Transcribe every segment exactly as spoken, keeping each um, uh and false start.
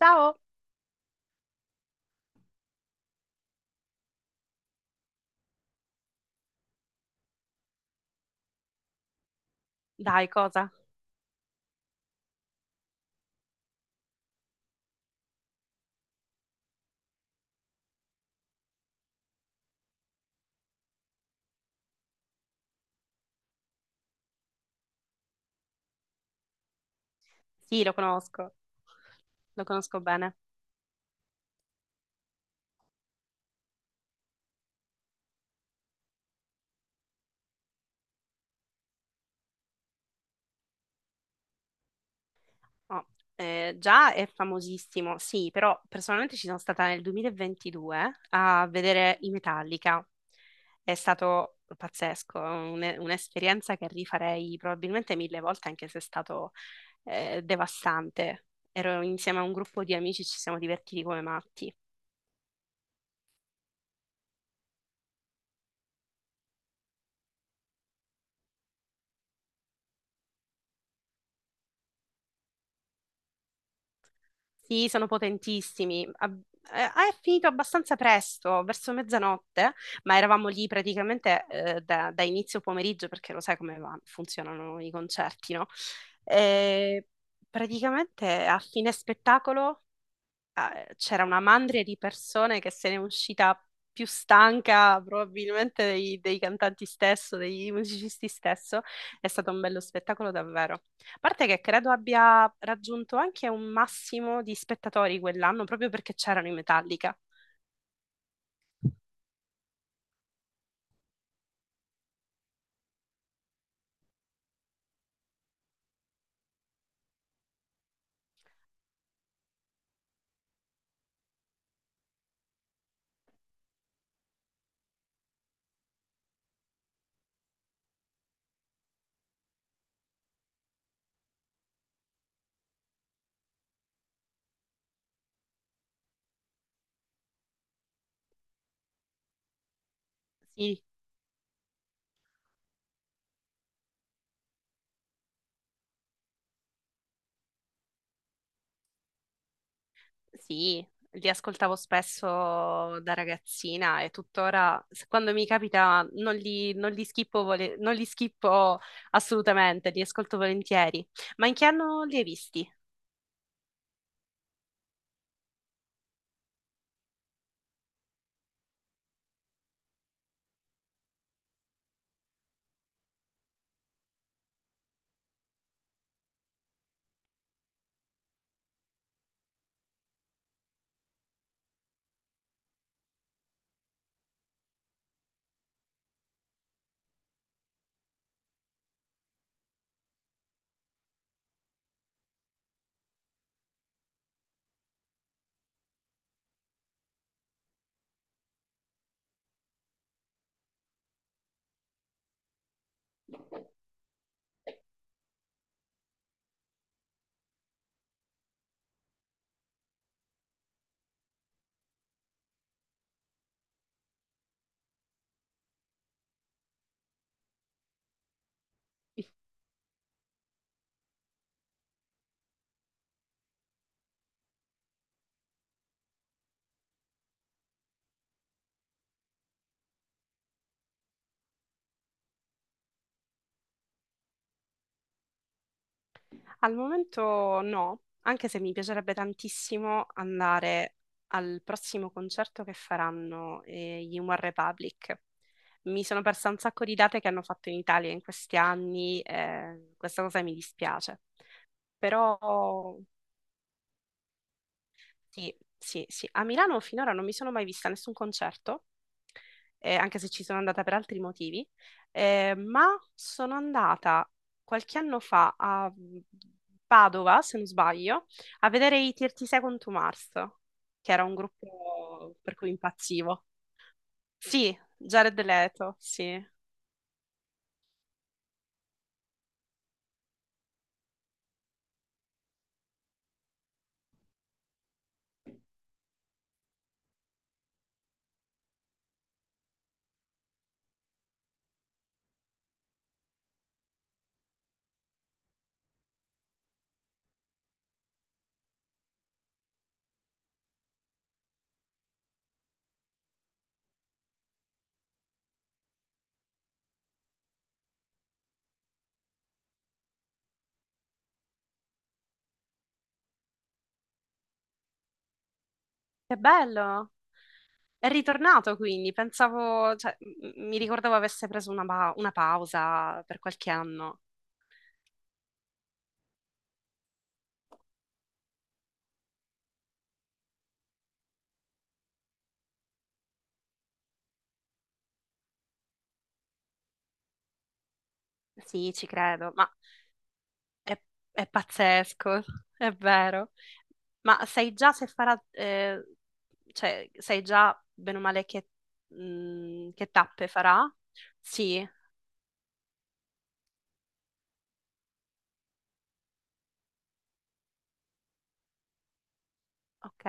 Ciao! Dai, cosa? Sì, lo conosco, lo conosco bene. Oh, eh, già è famosissimo, sì, però personalmente ci sono stata nel duemilaventidue a vedere i Metallica. È stato pazzesco, un- un'esperienza che rifarei probabilmente mille volte, anche se è stato eh, devastante. Ero insieme a un gruppo di amici, ci siamo divertiti come matti. Sì, sono potentissimi. Ab- eh, È finito abbastanza presto, verso mezzanotte, ma eravamo lì praticamente eh, da, da inizio pomeriggio, perché lo sai come va- funzionano i concerti, no? E praticamente a fine spettacolo eh, c'era una mandria di persone che se ne è uscita più stanca probabilmente dei, dei cantanti stesso, dei musicisti stesso. È stato un bello spettacolo davvero. A parte che credo abbia raggiunto anche un massimo di spettatori quell'anno proprio perché c'erano i Metallica. Sì, sì, li ascoltavo spesso da ragazzina e tuttora se- quando mi capita non li, non li schippo, vole- non li schippo assolutamente, li ascolto volentieri. Ma in che anno li hai visti? Al momento no, anche se mi piacerebbe tantissimo andare al prossimo concerto che faranno eh, gli One Republic. Mi sono persa un sacco di date che hanno fatto in Italia in questi anni, eh, questa cosa mi dispiace. Però. Sì, sì, sì. A Milano finora non mi sono mai vista nessun concerto, eh, anche se ci sono andata per altri motivi, eh, ma sono andata qualche anno fa a Padova, se non sbaglio, a vedere i trenta Second to Mars, che era un gruppo per cui impazzivo. Sì, Jared Leto, sì. Che bello! È ritornato quindi, pensavo, cioè, m- mi ricordavo avesse preso una, pa- una pausa per qualche anno. Sì, ci credo, ma È, è pazzesco, è vero. Ma sai già se farà, eh, cioè, sai già bene o male che, mm, che tappe farà? Sì, ok,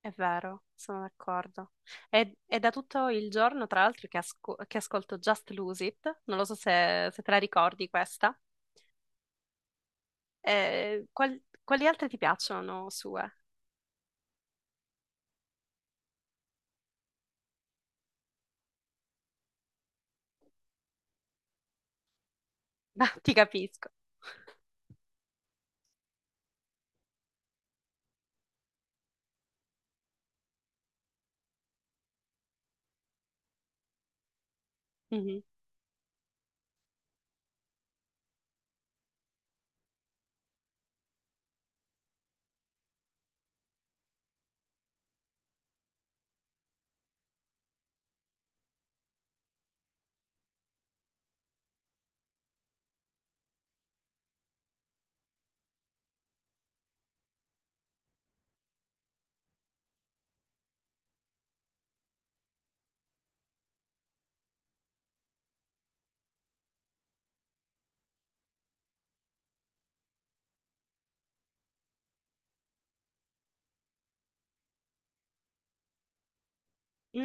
è vero, sono d'accordo. È, è da tutto il giorno, tra l'altro, che, asco- che ascolto Just Lose It, non lo so se, se te la ricordi questa. Eh, qual- quali altre ti piacciono sue? Ma ti capisco.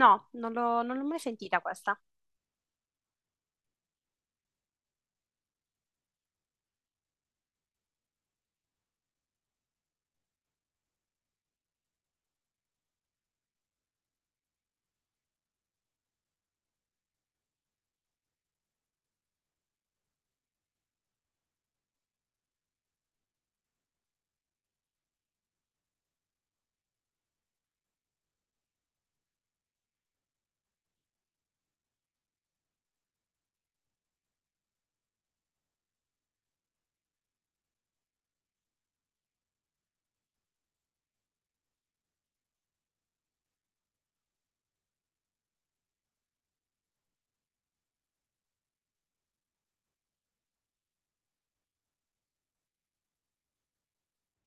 No, non l'ho non l'ho mai sentita questa.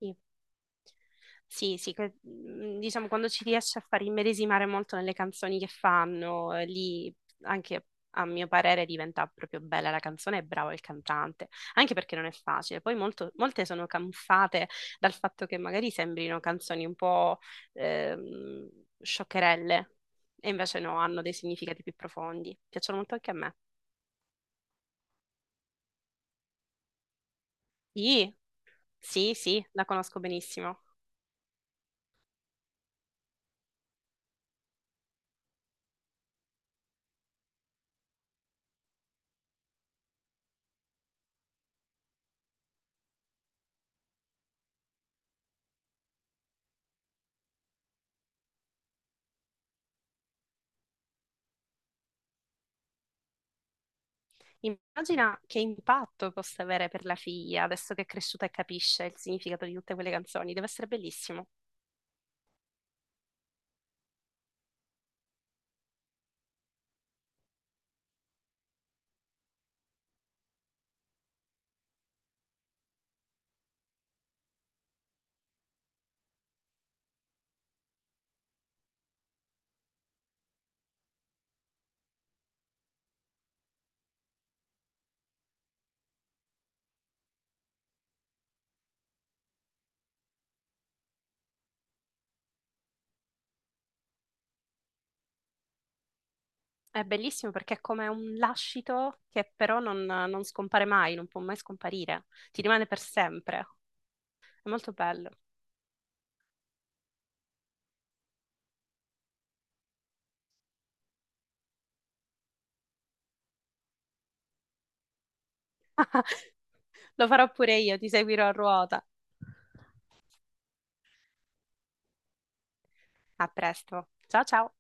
Sì, sì, sì, que- mm, diciamo quando ci riesce a far immedesimare molto nelle canzoni che fanno, eh, lì anche a mio parere diventa proprio bella la canzone e bravo il cantante, anche perché non è facile. Poi molto- molte sono camuffate dal fatto che magari sembrino canzoni un po' ehm, scioccherelle e invece no, hanno dei significati più profondi. Piacciono molto anche a me. Sì, sì, sì, la conosco benissimo. Immagina che impatto possa avere per la figlia adesso che è cresciuta e capisce il significato di tutte quelle canzoni. Deve essere bellissimo. È bellissimo perché è come un lascito che però non, non scompare mai, non può mai scomparire. Ti rimane per sempre. È molto bello. Lo farò pure io, ti seguirò a ruota. A presto. Ciao ciao.